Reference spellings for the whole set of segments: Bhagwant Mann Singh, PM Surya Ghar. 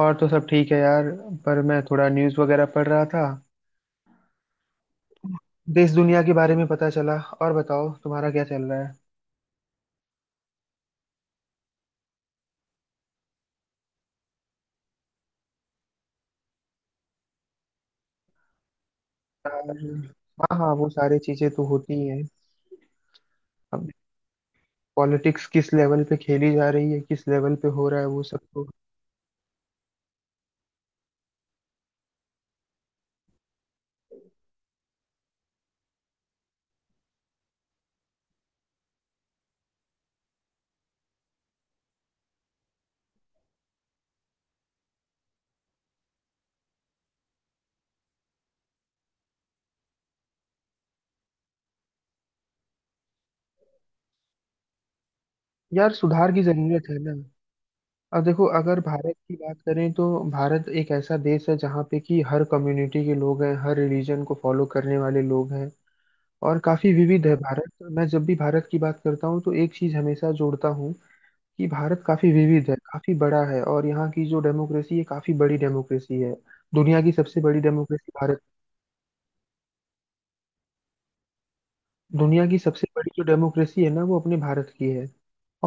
और तो सब ठीक है यार। पर मैं थोड़ा न्यूज़ वगैरह पढ़ रहा था। देश दुनिया के बारे में पता चला। और बताओ तुम्हारा क्या चल रहा है। और- हाँ हाँ, वो सारी चीजें तो होती ही हैं। अब पॉलिटिक्स किस लेवल पे खेली जा रही है, किस लेवल पे हो रहा है, वो सब तो यार सुधार की जरूरत है ना। अब देखो, अगर भारत की बात करें तो भारत एक ऐसा देश है जहाँ पे कि हर कम्युनिटी के लोग हैं, हर रिलीजन को फॉलो करने वाले लोग हैं, और काफी विविध है भारत। मैं जब भी भारत की बात करता हूँ तो एक चीज हमेशा जोड़ता हूँ कि भारत काफी विविध है, काफी बड़ा है, और यहाँ की जो डेमोक्रेसी है काफी बड़ी डेमोक्रेसी है। दुनिया की सबसे बड़ी डेमोक्रेसी भारत। दुनिया की सबसे बड़ी जो डेमोक्रेसी है ना, वो अपने भारत की है।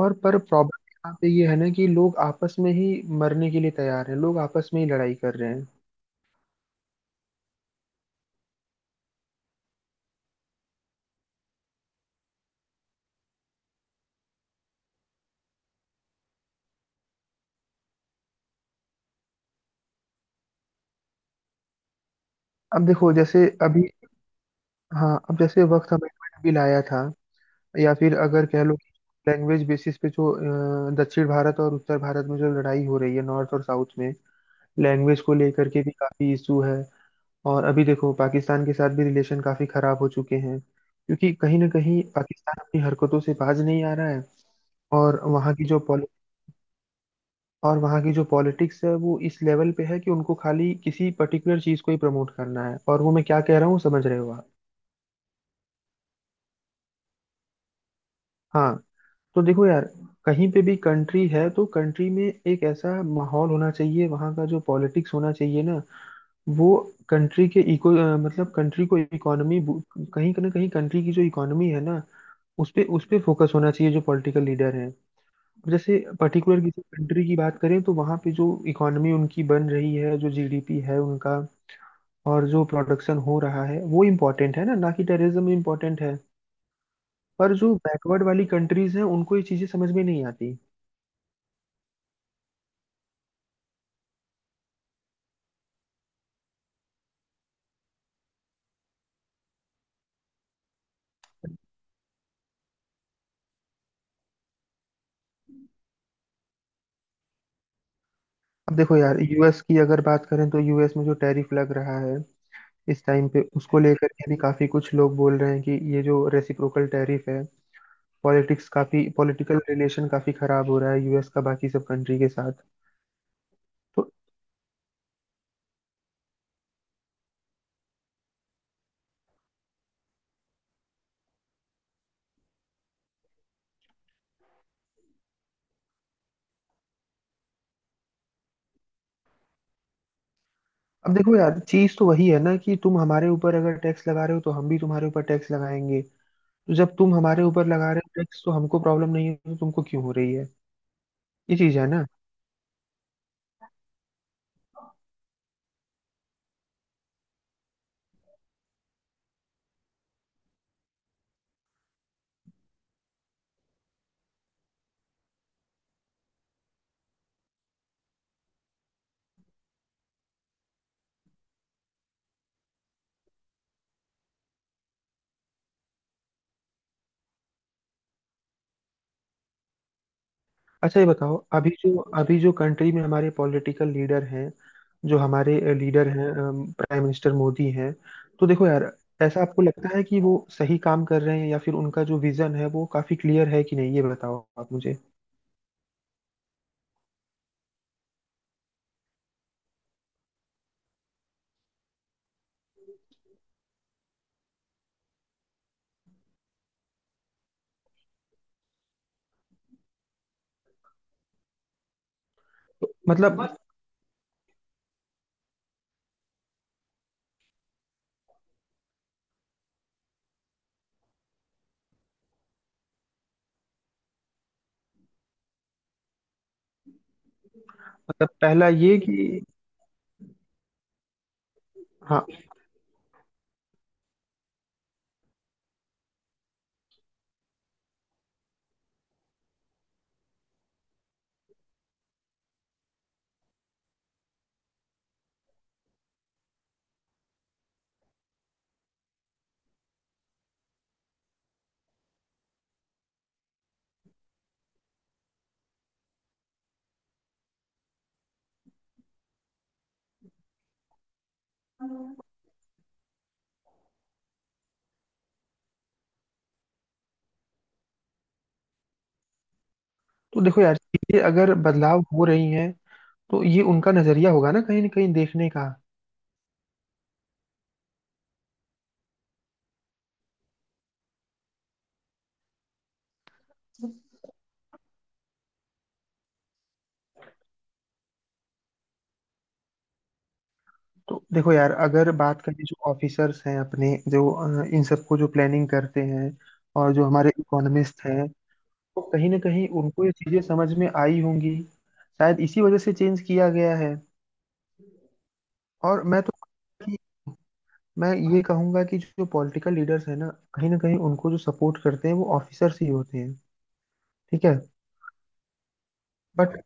और पर प्रॉब्लम यहाँ पे ये है ना कि लोग आपस में ही मरने के लिए तैयार हैं, लोग आपस में ही लड़ाई कर रहे हैं। अब देखो जैसे अभी, हाँ अब जैसे वक्त अमेंडमेंट बिल आया था, या फिर अगर कह लो लैंग्वेज बेसिस पे जो दक्षिण भारत और उत्तर भारत में जो लड़ाई हो रही है, नॉर्थ और साउथ में लैंग्वेज को लेकर के भी काफी इशू है। और अभी देखो पाकिस्तान के साथ भी रिलेशन काफी खराब हो चुके हैं, क्योंकि कहीं ना कहीं पाकिस्तान अपनी हरकतों से बाज नहीं आ रहा है। और वहाँ की जो पॉलि और वहाँ की जो पॉलिटिक्स है वो इस लेवल पे है कि उनको खाली किसी पर्टिकुलर चीज को ही प्रमोट करना है, और वो मैं क्या कह रहा हूँ समझ रहे हो आप। हाँ। तो देखो यार, कहीं पे भी कंट्री है तो कंट्री में एक ऐसा माहौल होना चाहिए, वहाँ का जो पॉलिटिक्स होना चाहिए ना, वो कंट्री के मतलब कंट्री को इकोनॉमी, कहीं ना कहीं कंट्री की जो इकोनॉमी है ना, उस पे फोकस होना चाहिए जो पॉलिटिकल लीडर हैं। जैसे पर्टिकुलर किसी कंट्री की बात करें तो वहाँ पे जो इकोनॉमी उनकी बन रही है, जो जीडीपी है उनका, और जो प्रोडक्शन हो रहा है वो इम्पोर्टेंट है ना, ना कि टेररिज्म इम्पोर्टेंट है। पर जो बैकवर्ड वाली कंट्रीज हैं उनको ये चीज़ें समझ में नहीं आती। अब देखो यार, यूएस की अगर बात करें तो यूएस में जो टैरिफ लग रहा है इस टाइम पे, उसको लेकर के भी काफ़ी कुछ लोग बोल रहे हैं कि ये जो रेसिप्रोकल टैरिफ है, पॉलिटिक्स काफ़ी, पॉलिटिकल रिलेशन काफ़ी खराब हो रहा है यूएस का बाकी सब कंट्री के साथ। तो अब देखो यार, चीज तो वही है ना कि तुम हमारे ऊपर अगर टैक्स लगा रहे हो तो हम भी तुम्हारे ऊपर टैक्स लगाएंगे। तो जब तुम हमारे ऊपर लगा रहे हो टैक्स तो हमको प्रॉब्लम नहीं है, तो तुमको क्यों हो रही है। ये चीज है ना। अच्छा ये बताओ, अभी जो कंट्री में हमारे पॉलिटिकल लीडर हैं, जो हमारे लीडर हैं, प्राइम मिनिस्टर मोदी हैं, तो देखो यार, ऐसा आपको लगता है कि वो सही काम कर रहे हैं या फिर उनका जो विजन है वो काफी क्लियर है कि नहीं, ये बताओ आप मुझे। मतलब मतलब पहला ये कि, हाँ तो देखो यार, चीजें अगर बदलाव हो रही हैं तो ये उनका नजरिया होगा ना कहीं देखने का। तो देखो यार, अगर बात करें जो ऑफिसर्स हैं अपने, जो इन सबको जो प्लानिंग करते हैं, और जो हमारे इकोनॉमिस्ट हैं, तो कहीं ना कहीं उनको ये चीजें समझ में आई होंगी, शायद इसी वजह से चेंज किया गया है। और मैं तो मैं ये कहूंगा कि जो पॉलिटिकल लीडर्स हैं ना, कहीं ना कहीं उनको जो सपोर्ट करते हैं वो ऑफिसर्स ही होते हैं। ठीक है, बट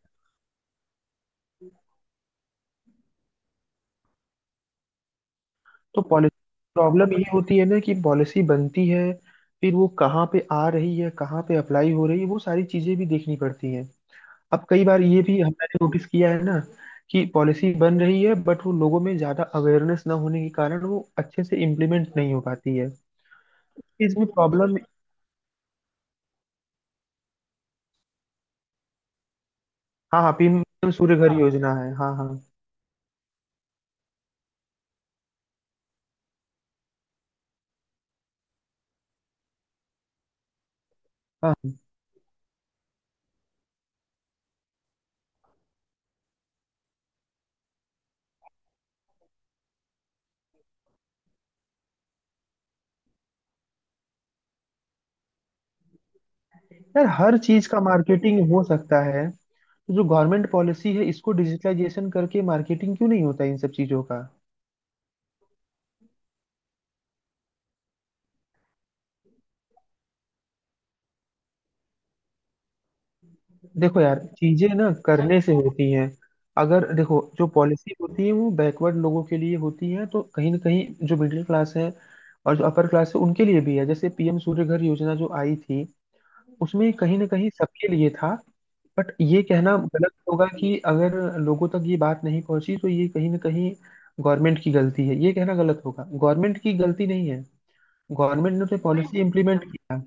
तो पॉलिसी, प्रॉब्लम ये होती है ना कि पॉलिसी बनती है, फिर वो कहाँ पे आ रही है, कहाँ पे अप्लाई हो रही है, वो सारी चीजें भी देखनी पड़ती हैं। अब कई बार ये भी हमने नोटिस किया है ना, कि पॉलिसी बन रही है बट वो लोगों में ज्यादा अवेयरनेस ना होने के कारण वो अच्छे से इम्प्लीमेंट नहीं हो पाती है। इसमें प्रॉब्लम। हाँ हाँ, पीएम सूर्य घर हाँ, योजना है। हाँ हाँ। हाँ हाँ। यार, हर चीज का मार्केटिंग हो सकता है, तो जो गवर्नमेंट पॉलिसी है इसको डिजिटलाइजेशन करके मार्केटिंग क्यों नहीं होता इन सब चीजों का। देखो यार, चीजें ना करने से होती हैं। अगर देखो जो पॉलिसी होती है वो बैकवर्ड लोगों के लिए होती है, तो कहीं ना कहीं जो मिडिल क्लास है और जो अपर क्लास है उनके लिए भी है, जैसे पीएम सूर्य घर योजना जो आई थी उसमें कहीं ना कहीं सबके लिए था। बट ये कहना गलत होगा कि अगर लोगों तक ये बात नहीं पहुंची तो ये कहीं ना कहीं गवर्नमेंट की गलती है, ये कहना गलत होगा। गवर्नमेंट की गलती नहीं है, गवर्नमेंट ने तो पॉलिसी इम्प्लीमेंट किया।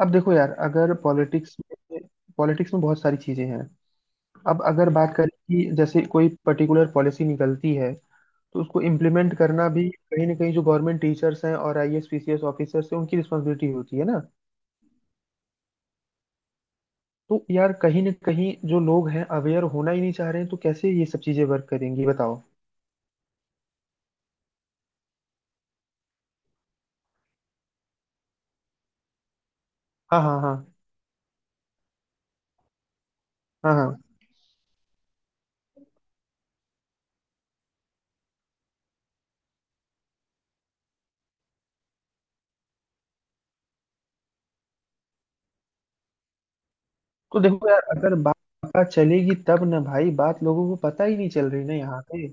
अब देखो यार, अगर पॉलिटिक्स में पॉलिटिक्स में बहुत सारी चीजें हैं। अब अगर बात करें कि जैसे कोई पर्टिकुलर पॉलिसी निकलती है, तो उसको इम्प्लीमेंट करना भी कहीं ना कहीं जो गवर्नमेंट टीचर्स हैं और आईएएस पीसीएस ऑफिसर्स हैं उनकी रिस्पॉन्सिबिलिटी होती है ना। तो यार, कहीं ना कहीं जो लोग हैं अवेयर होना ही नहीं चाह रहे हैं तो कैसे ये सब चीजें वर्क करेंगी बताओ। हाँ हाँ, हाँ हाँ, हाँ। तो देखो यार, अगर बात पता चलेगी तब ना भाई, बात लोगों को पता ही नहीं चल रही ना यहाँ पे।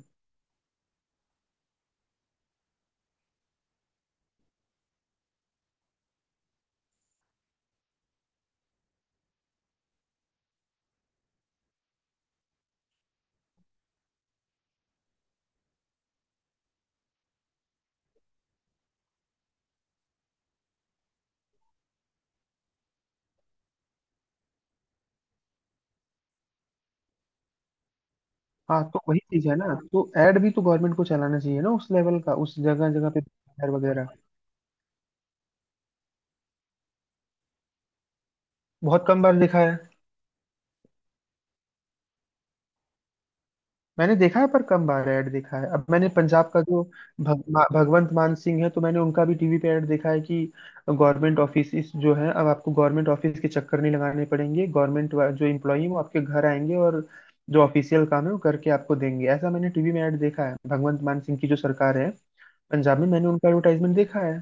हाँ, तो वही चीज है ना, तो एड भी तो गवर्नमेंट को चलाना चाहिए ना उस लेवल का, उस जगह जगह पे banner वगैरह। बहुत कम बार देखा है। मैंने देखा है पर कम बार ऐड देखा है। अब मैंने पंजाब का जो भगवंत मान सिंह है, तो मैंने उनका भी टीवी पे ऐड देखा है कि गवर्नमेंट ऑफिस जो है, अब आपको गवर्नमेंट ऑफिस के चक्कर नहीं लगाने पड़ेंगे, गवर्नमेंट जो एम्प्लॉई हैं वो आपके घर आएंगे और जो ऑफिशियल काम है वो करके आपको देंगे, ऐसा मैंने टीवी में ऐड देखा है। भगवंत मान सिंह की जो सरकार है पंजाब में, मैंने उनका एडवर्टाइजमेंट देखा है।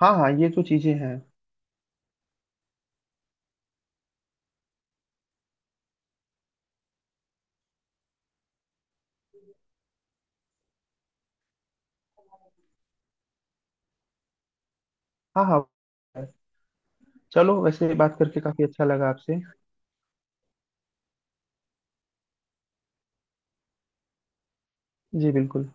हाँ हाँ, ये तो चीजें हैं। हाँ हाँ। चलो, वैसे बात करके काफी अच्छा लगा आपसे। जी बिल्कुल।